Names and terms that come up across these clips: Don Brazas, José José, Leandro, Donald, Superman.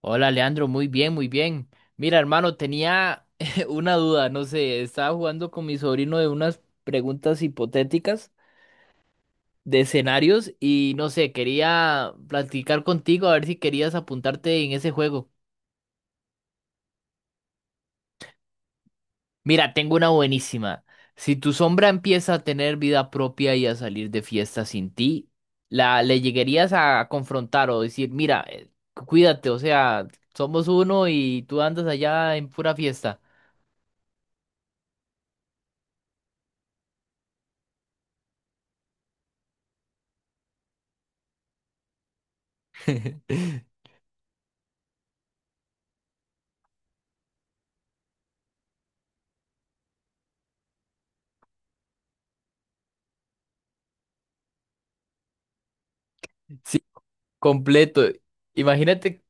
Hola Leandro, muy bien, muy bien. Mira, hermano, tenía una duda, no sé, estaba jugando con mi sobrino de unas preguntas hipotéticas de escenarios y no sé, quería platicar contigo a ver si querías apuntarte en ese juego. Mira, tengo una buenísima. Si tu sombra empieza a tener vida propia y a salir de fiesta sin ti, la le llegarías a confrontar o decir, mira, cuídate, o sea, somos uno y tú andas allá en pura fiesta. Sí. Completo. Imagínate,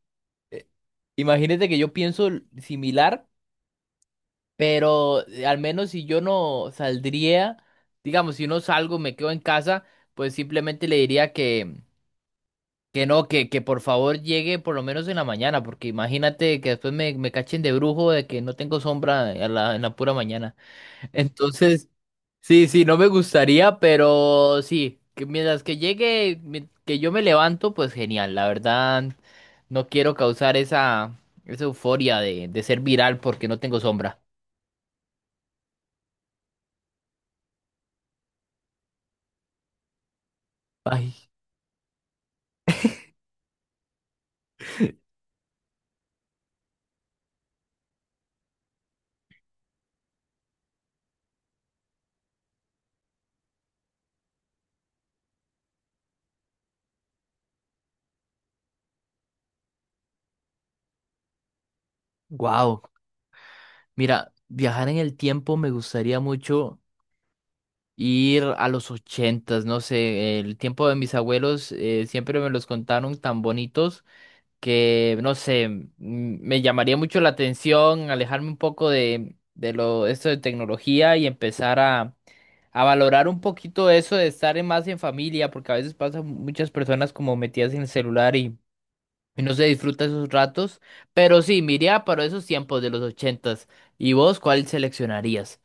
eh, imagínate que yo pienso similar, pero al menos si yo no saldría, digamos, si no salgo, me quedo en casa, pues simplemente le diría que no, que por favor llegue por lo menos en la mañana, porque imagínate que después me cachen de brujo de que no tengo sombra en la pura mañana. Entonces, sí, sí, no me gustaría, pero sí, que mientras que llegue, que yo me levanto, pues genial, la verdad, no quiero causar esa euforia de ser viral porque no tengo sombra. Ay, wow. Mira, viajar en el tiempo me gustaría mucho ir a los 80, no sé, el tiempo de mis abuelos siempre me los contaron tan bonitos que, no sé, me llamaría mucho la atención alejarme un poco de lo, esto de tecnología y empezar a valorar un poquito eso de estar más en familia, porque a veces pasan muchas personas como metidas en el celular y no se disfruta esos ratos. Pero sí, me iría para esos tiempos de los 80. ¿Y vos cuál seleccionarías?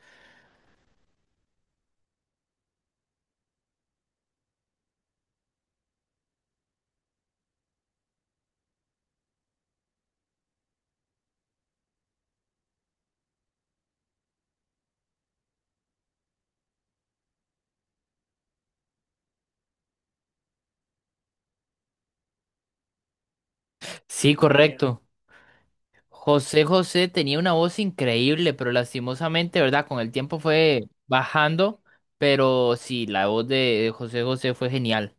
Sí, correcto. José José tenía una voz increíble, pero lastimosamente, ¿verdad? Con el tiempo fue bajando, pero sí, la voz de José José fue genial.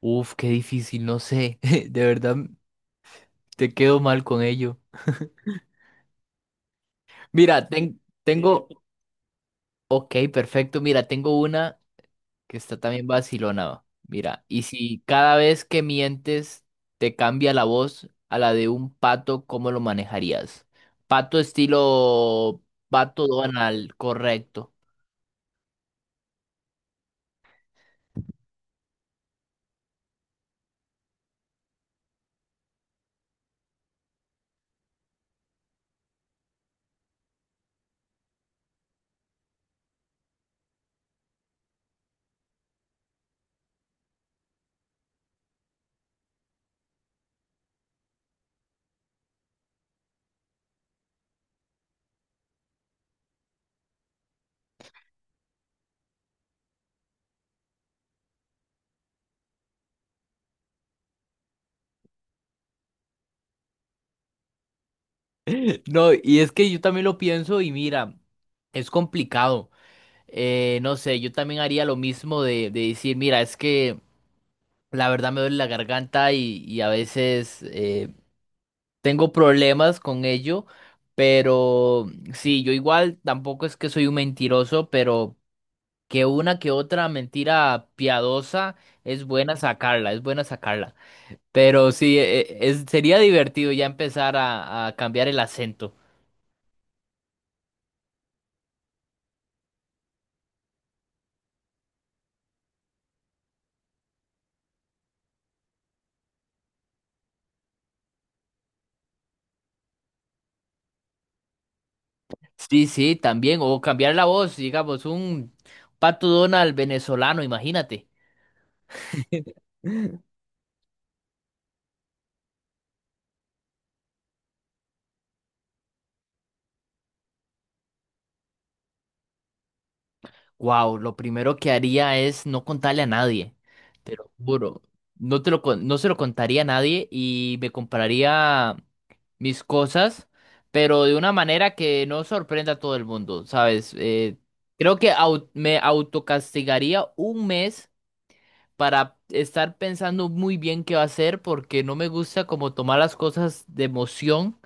Uf, qué difícil, no sé. De verdad, te quedo mal con ello. Mira, tengo. Ok, perfecto. Mira, tengo una que está también vacilona. Mira, y si cada vez que mientes te cambia la voz a la de un pato, ¿cómo lo manejarías? Pato estilo pato Donald, correcto. No, y es que yo también lo pienso y mira, es complicado. No sé, yo también haría lo mismo de decir, mira, es que la verdad me duele la garganta y a veces tengo problemas con ello, pero sí, yo igual tampoco es que soy un mentiroso, pero que una que otra mentira piadosa es buena sacarla, es buena sacarla. Pero sí, sería divertido ya empezar a cambiar el acento. Sí, sí, también. O cambiar la voz, digamos, un Pato Donald venezolano, imagínate. Wow, lo primero que haría es no contarle a nadie. Te lo juro. No se lo contaría a nadie y me compraría mis cosas, pero de una manera que no sorprenda a todo el mundo, ¿sabes? Creo que me autocastigaría un mes para estar pensando muy bien qué va a hacer porque no me gusta como tomar las cosas de emoción.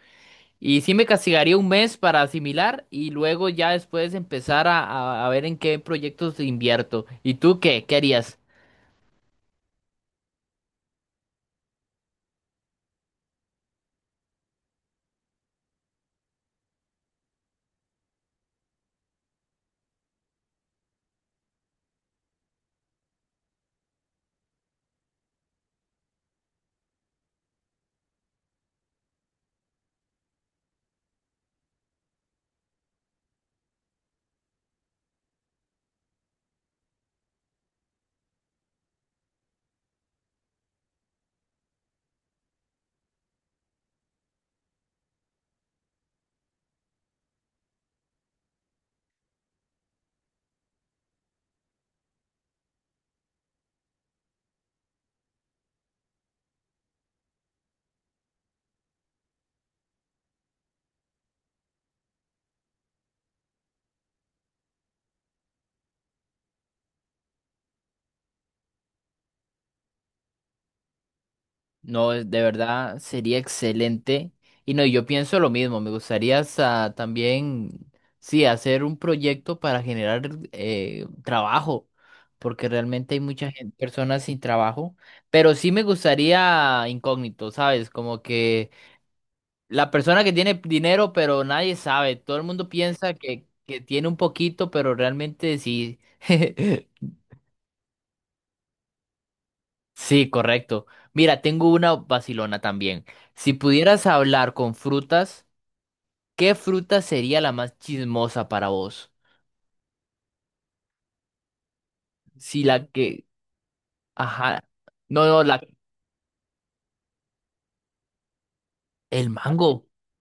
Y sí me castigaría un mes para asimilar y luego ya después empezar a ver en qué proyectos invierto. ¿Y tú qué? ¿Qué harías? No, de verdad sería excelente. Y no, yo pienso lo mismo. Me gustaría hasta también, sí, hacer un proyecto para generar trabajo, porque realmente hay muchas personas sin trabajo. Pero sí me gustaría incógnito, ¿sabes? Como que la persona que tiene dinero, pero nadie sabe. Todo el mundo piensa que tiene un poquito, pero realmente sí. Sí, correcto. Mira, tengo una vacilona también. Si pudieras hablar con frutas, ¿qué fruta sería la más chismosa para vos? Si la que. Ajá. No, no, la. El mango.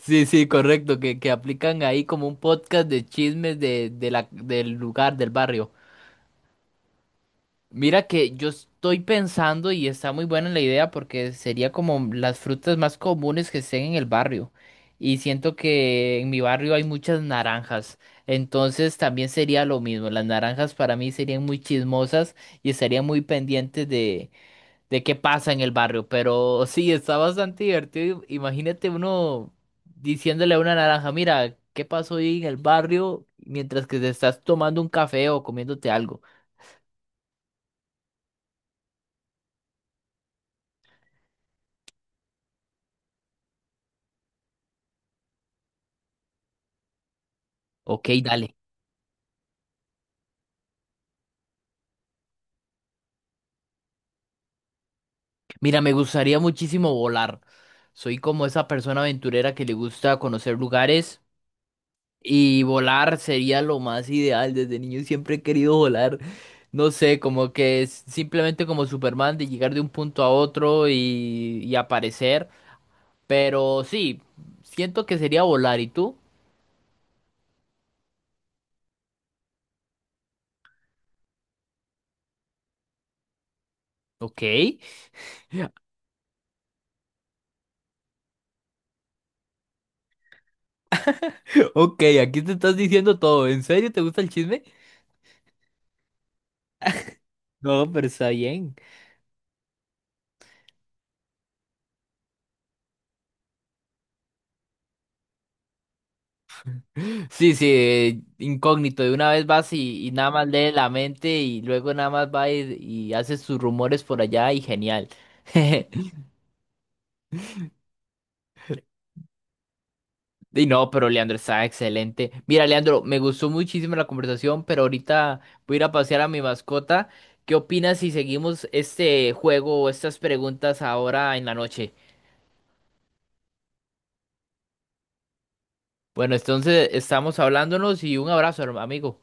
Sí, sí, correcto. Que aplican ahí como un podcast de chismes de la, del lugar, del barrio. Mira que yo estoy pensando y está muy buena la idea porque sería como las frutas más comunes que estén en el barrio. Y siento que en mi barrio hay muchas naranjas. Entonces también sería lo mismo. Las naranjas para mí serían muy chismosas y estarían muy pendientes de qué pasa en el barrio. Pero sí, está bastante divertido. Imagínate uno diciéndole a una naranja, mira, ¿qué pasó hoy en el barrio? Mientras que te estás tomando un café o comiéndote algo. Ok, dale. Mira, me gustaría muchísimo volar. Soy como esa persona aventurera que le gusta conocer lugares y volar sería lo más ideal. Desde niño siempre he querido volar. No sé, como que es simplemente como Superman de llegar de un punto a otro y aparecer. Pero sí, siento que sería volar. ¿Y tú? Ok. Ok, aquí te estás diciendo todo. ¿En serio te gusta el chisme? No, pero está bien. Sí, sí, incógnito, de una vez vas y nada más lee la mente y luego nada más va y haces sus rumores por allá y genial. Y no, pero Leandro está excelente. Mira, Leandro, me gustó muchísimo la conversación, pero ahorita voy a ir a pasear a mi mascota. ¿Qué opinas si seguimos este juego o estas preguntas ahora en la noche? Bueno, entonces estamos hablándonos y un abrazo, amigo.